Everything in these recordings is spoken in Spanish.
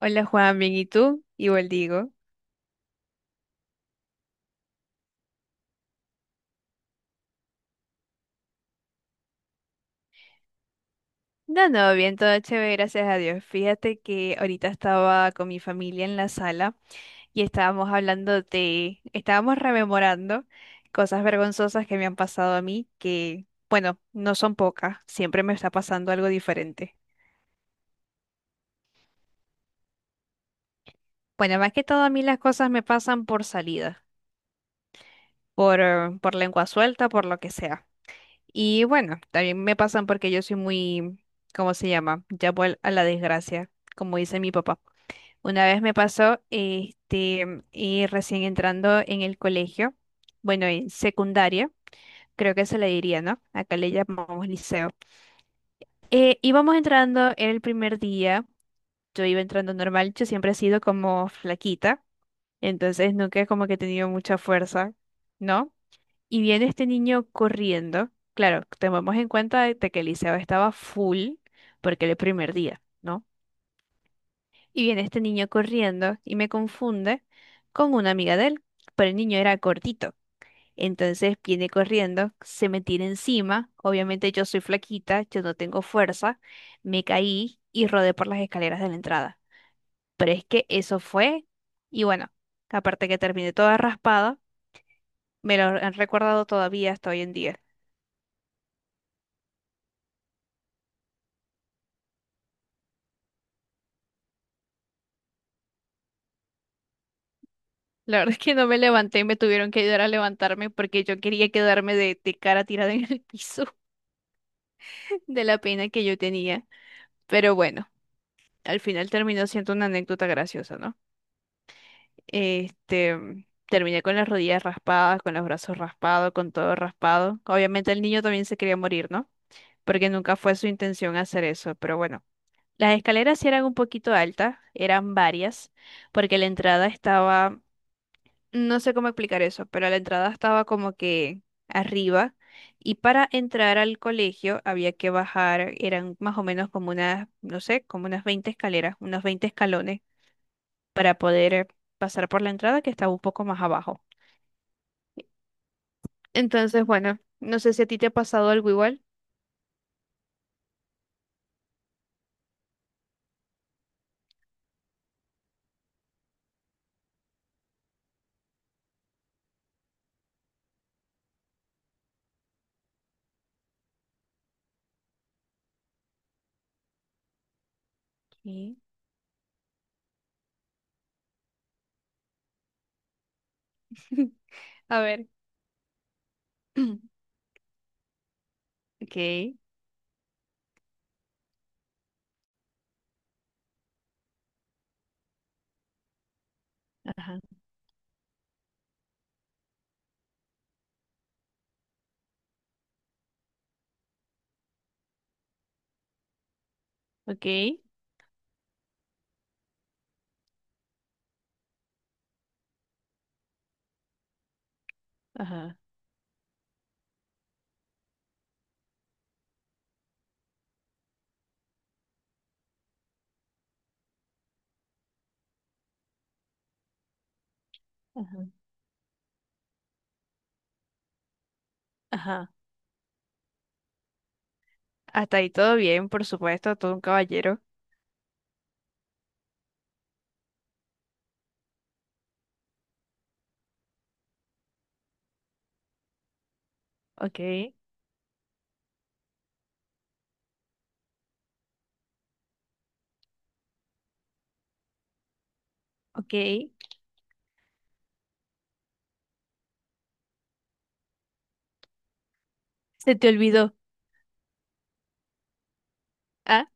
Hola Juan, bien, ¿y tú? Igual digo. No, no, bien, todo chévere, gracias a Dios. Fíjate que ahorita estaba con mi familia en la sala y estábamos rememorando cosas vergonzosas que me han pasado a mí, que, bueno, no son pocas, siempre me está pasando algo diferente. Bueno, más que todo a mí las cosas me pasan por salida, por lengua suelta, por lo que sea. Y bueno, también me pasan porque yo soy muy, ¿cómo se llama? Llamo a la desgracia, como dice mi papá. Una vez me pasó, y recién entrando en el colegio, bueno, en secundaria, creo que se le diría, ¿no? Acá le llamamos liceo. Íbamos entrando en el primer día, yo iba entrando normal, yo siempre he sido como flaquita, entonces nunca como que he tenido mucha fuerza, ¿no? Y viene este niño corriendo, claro, tomemos en cuenta de que el liceo estaba full porque era el primer día, ¿no? Y viene este niño corriendo y me confunde con una amiga de él, pero el niño era cortito. Entonces viene corriendo, se me tira encima. Obviamente yo soy flaquita, yo no tengo fuerza. Me caí y rodé por las escaleras de la entrada. Pero es que eso fue. Y bueno, aparte que terminé toda raspada, me lo han recordado todavía hasta hoy en día. La verdad es que no me levanté, me tuvieron que ayudar a levantarme porque yo quería quedarme de cara tirada en el piso de la pena que yo tenía. Pero bueno, al final terminó siendo una anécdota graciosa, ¿no? Terminé con las rodillas raspadas, con los brazos raspados, con todo raspado. Obviamente el niño también se quería morir, ¿no? Porque nunca fue su intención hacer eso, pero bueno. Las escaleras sí eran un poquito altas, eran varias, porque la entrada estaba, no sé cómo explicar eso, pero la entrada estaba como que arriba y para entrar al colegio había que bajar, eran más o menos como unas, no sé, como unas 20 escaleras, unos 20 escalones para poder pasar por la entrada que estaba un poco más abajo. Entonces, bueno, no sé si a ti te ha pasado algo igual. Sí. A ver. Okay, ajá, okay, ajá, ajá, ajá. Hasta ahí todo bien, por supuesto, todo un caballero. Okay, okay. Se te olvidó. Ah,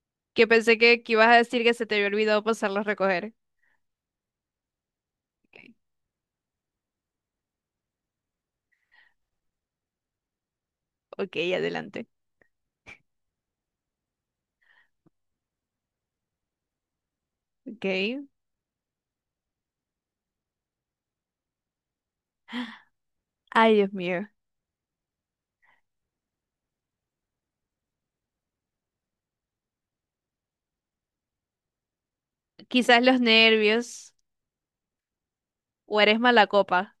que pensé que ibas a decir que se te había olvidado pasarlo a recoger. Okay, okay, adelante. Okay. Ay, Dios mío. Quizás los nervios o eres mala copa.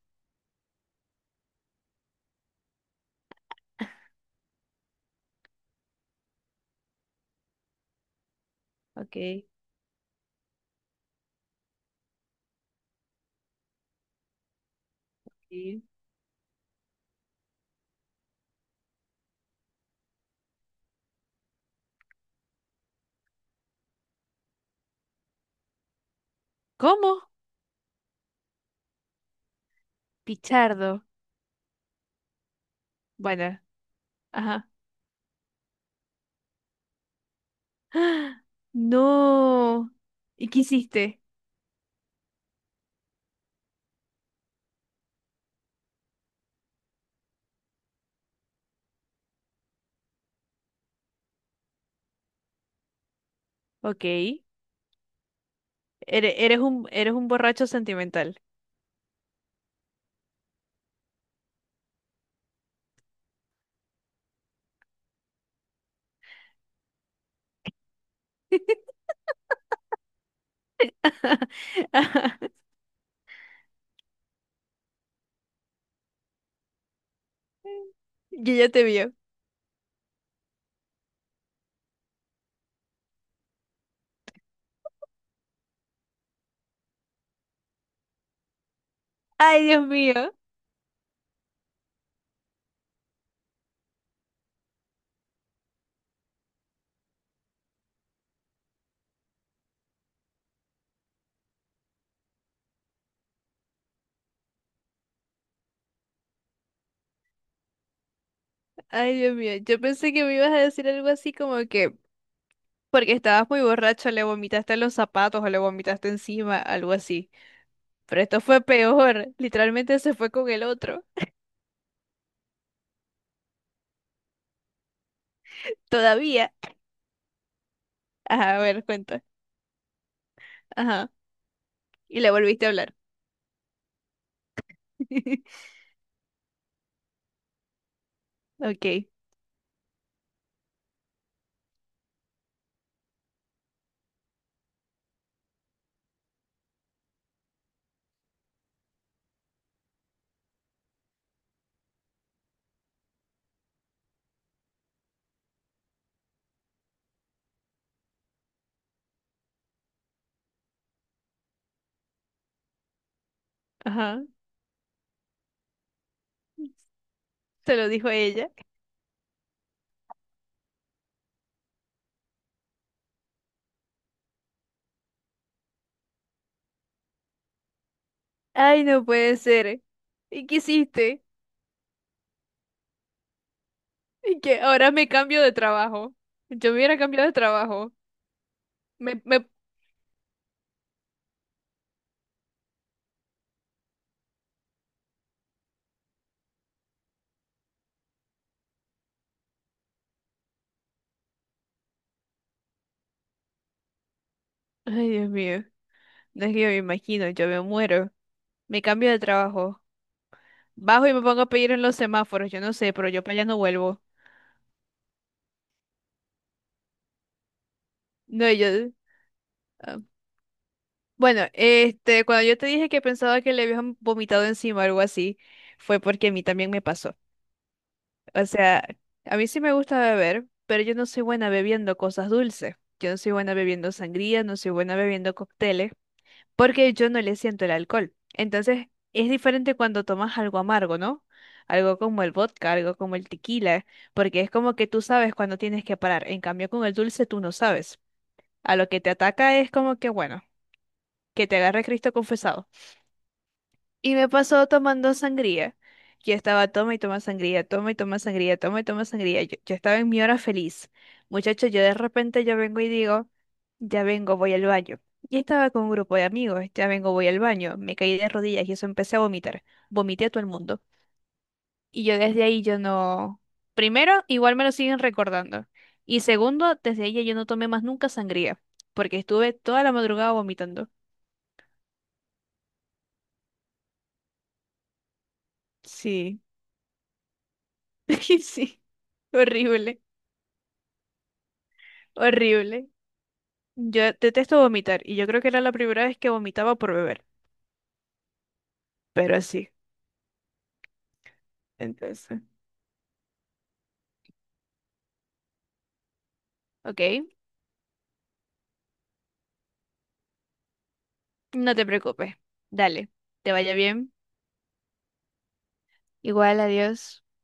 Okay. Sí. ¿Cómo? Pichardo. Bueno, ajá. ¡Ah! No. ¿Y qué hiciste? Ok. Eres un, eres un borracho sentimental. Ajá. Y ella te vio. Ay, Dios mío. Ay, Dios mío. Yo pensé que me ibas a decir algo así como que porque estabas muy borracho, le vomitaste en los zapatos o le vomitaste encima, algo así. Pero esto fue peor. Literalmente se fue con el otro. Todavía. Ajá, a ver, cuenta. Ajá. Y le volviste a hablar. Ok. Ajá. Se lo dijo ella. Ay, no puede ser. ¿Y qué hiciste? Y que ahora me cambio de trabajo. Yo me hubiera cambiado de trabajo. Me... Ay, Dios mío. No es que yo me imagino, yo me muero. Me cambio de trabajo. Bajo y me pongo a pedir en los semáforos. Yo no sé, pero yo para allá no vuelvo. No, yo... ah. Bueno, este, cuando yo te dije que pensaba que le habían vomitado encima o algo así, fue porque a mí también me pasó. O sea, a mí sí me gusta beber, pero yo no soy buena bebiendo cosas dulces. Yo no soy buena bebiendo sangría, no soy buena bebiendo cócteles, porque yo no le siento el alcohol. Entonces, es diferente cuando tomas algo amargo, ¿no? Algo como el vodka, algo como el tequila, porque es como que tú sabes cuando tienes que parar. En cambio, con el dulce tú no sabes. A lo que te ataca es como que, bueno, que te agarre Cristo confesado. Y me pasó tomando sangría. Yo estaba toma y toma sangría, toma y toma sangría, toma y toma sangría. Yo estaba en mi hora feliz. Muchachos, yo de repente yo vengo y digo, ya vengo, voy al baño. Y estaba con un grupo de amigos, ya vengo, voy al baño. Me caí de rodillas y eso empecé a vomitar. Vomité a todo el mundo. Y yo desde ahí yo no... Primero, igual me lo siguen recordando. Y segundo, desde ahí ya yo no tomé más nunca sangría, porque estuve toda la madrugada vomitando. Sí, sí, horrible. Horrible. Yo detesto vomitar y yo creo que era la primera vez que vomitaba por beber, pero sí. Entonces. Ok, no te preocupes. Dale, te vaya bien. Igual, adiós.